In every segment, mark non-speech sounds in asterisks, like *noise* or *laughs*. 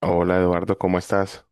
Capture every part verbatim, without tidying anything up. Hola Eduardo, ¿cómo estás?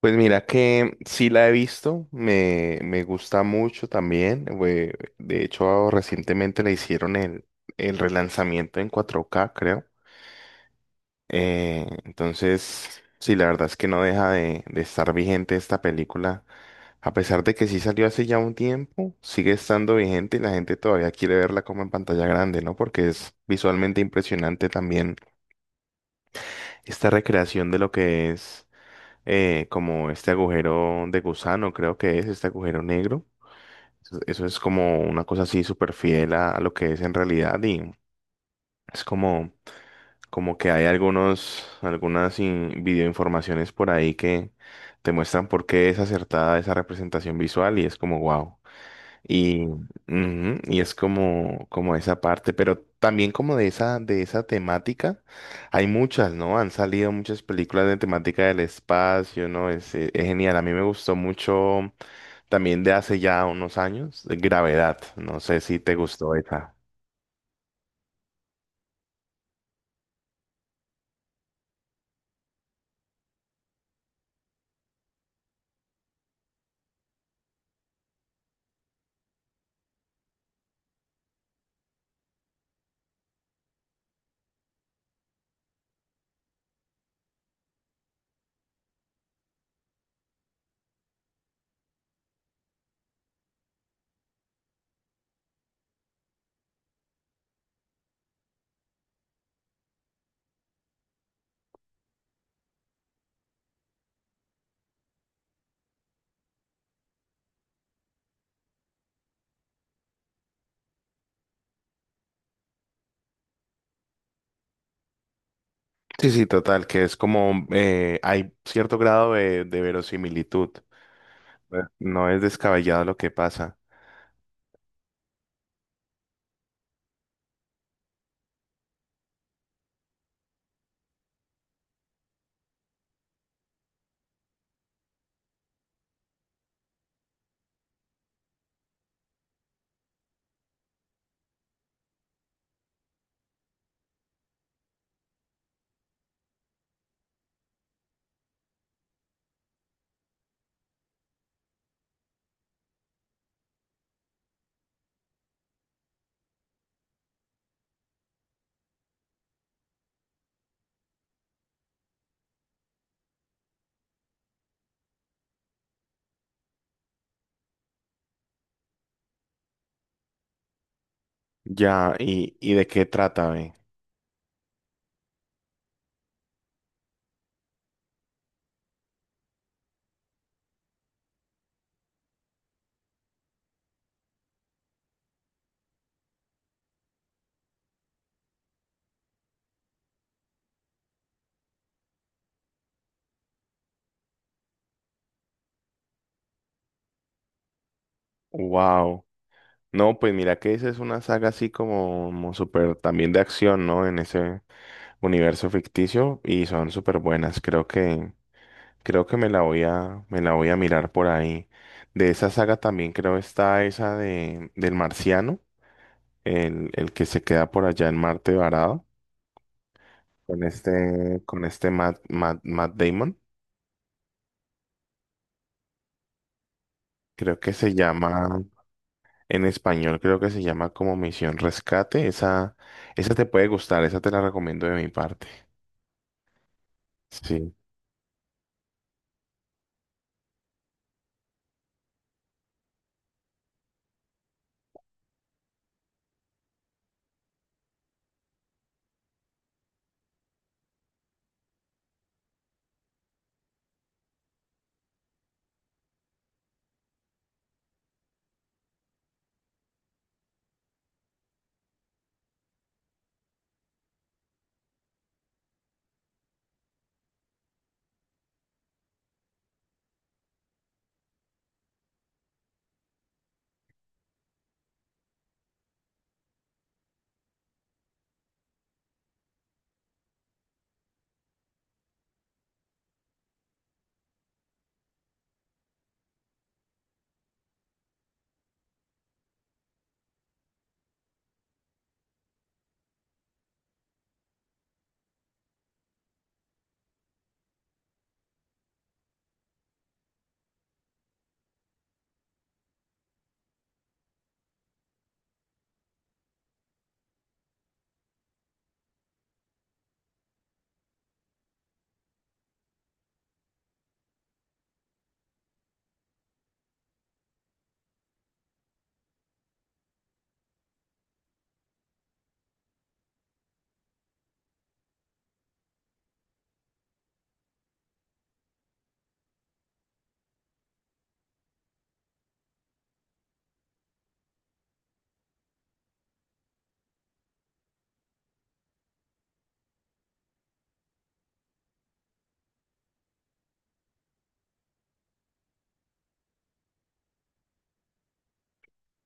Pues mira que sí la he visto, me, me gusta mucho también. we- De hecho, recientemente le hicieron el, el relanzamiento en cuatro K, creo. Eh, entonces, sí, la verdad es que no deja de, de estar vigente esta película. A pesar de que sí salió hace ya un tiempo, sigue estando vigente y la gente todavía quiere verla como en pantalla grande, ¿no? Porque es visualmente impresionante también esta recreación de lo que es. Eh, como este agujero de gusano, creo que es este agujero negro. Eso, eso es como una cosa así súper fiel a, a lo que es en realidad y es como, como que hay algunos, algunas in- videoinformaciones por ahí que te muestran por qué es acertada esa representación visual y es como wow. Y, ujú, y es como, como esa parte, pero también como de esa, de esa temática, hay muchas, ¿no? Han salido muchas películas de temática del espacio, ¿no? Es, eh, es genial. A mí me gustó mucho también de hace ya unos años, de Gravedad. No sé si te gustó esa. Sí, sí, total, que es como eh, hay cierto grado de, de verosimilitud. Eh, No es descabellado lo que pasa. Ya, ¿y, y de qué trata, ve? Wow. No, pues mira que esa es una saga así como, como súper también de acción, ¿no? En ese universo ficticio y son súper buenas. Creo que, creo que me la voy a, me la voy a mirar por ahí. De esa saga también creo está esa de, del marciano, el, el que se queda por allá en Marte varado, con este, con este Matt, Matt, Matt Damon. Creo que se llama, En español creo que se llama como Misión Rescate. Esa, esa te puede gustar, esa te la recomiendo de mi parte. Sí.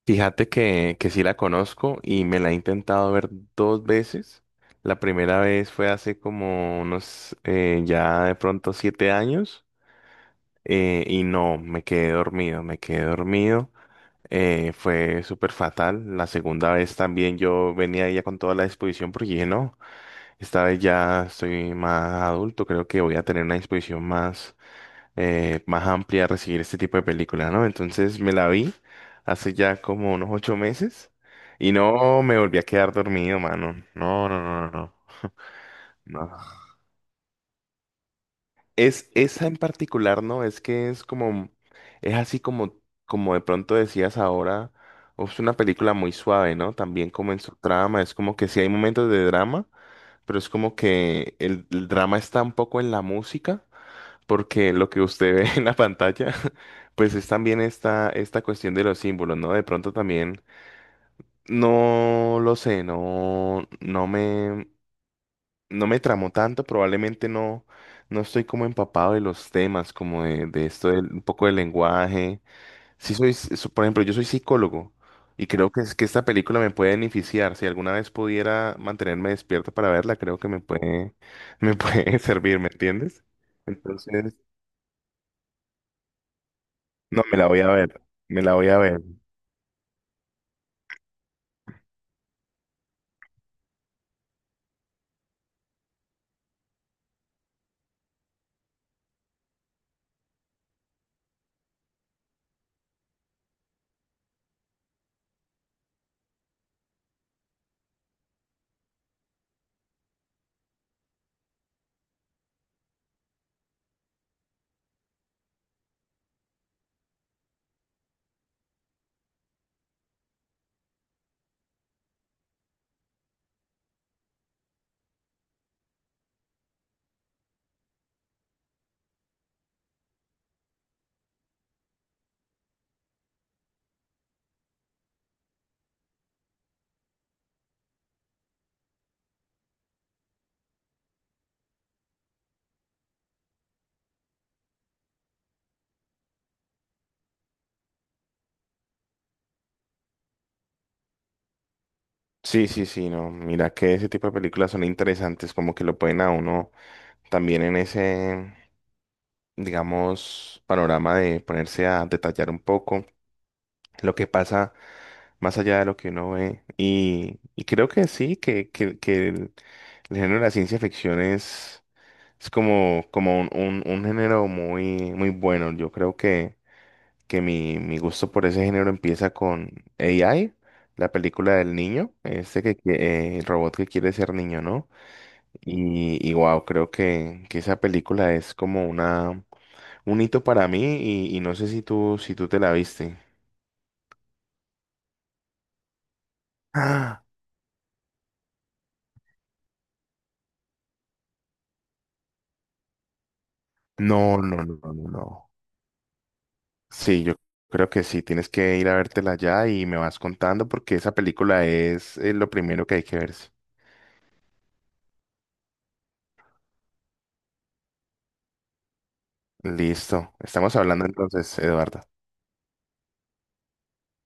Fíjate que, que sí la conozco y me la he intentado ver dos veces. La primera vez fue hace como unos eh, ya de pronto siete años, eh, y no, me quedé dormido, me quedé dormido. Eh, fue súper fatal. La segunda vez también yo venía ya con toda la disposición porque dije, no, esta vez ya estoy más adulto, creo que voy a tener una disposición más eh, más amplia a recibir este tipo de películas, ¿no? Entonces me la vi hace ya como unos ocho meses y no me volví a quedar dormido, mano. No, no, no, no, no. No. Es esa en particular, ¿no? Es que es como, es así como, como de pronto decías ahora, es una película muy suave, ¿no? También como en su trama, es como que sí hay momentos de drama, pero es como que el, el drama está un poco en la música. Porque lo que usted ve en la pantalla, *laughs* pues es también esta, esta cuestión de los símbolos, ¿no? De pronto también, no lo sé, no, no me, no me tramó tanto, probablemente no, no estoy como empapado de los temas, como de, de esto, del- un poco del lenguaje. Sí soy, s- so- por ejemplo, yo soy psicólogo y creo que, es que esta película me puede beneficiar. Si alguna vez pudiera mantenerme despierto para verla, creo que me puede, *laughs* me puede servir, ¿me entiendes? Entonces... No, me la voy a ver, me la voy a ver. Sí, sí, sí, no, mira que ese tipo de películas son interesantes, como que lo pueden a uno también en ese, digamos, panorama de ponerse a detallar un poco lo que pasa más allá de lo que uno ve. Y, y creo que sí, que, que, que el, el género de la ciencia ficción es, es como, como un, un, un género muy, muy bueno. Yo creo que que mi, Mi gusto por ese género empieza con A I, la película del niño, este que, qui- eh, el robot que quiere ser niño, ¿no? Y, y wow, creo que, que esa película es como una, un hito para mí y, y no sé si tú, si tú te la viste. Ah, no, no, no, no, no. Sí, yo creo que sí, tienes que ir a vértela ya y me vas contando porque esa película es, eh, lo primero que hay que verse. Listo, estamos hablando entonces, Eduardo.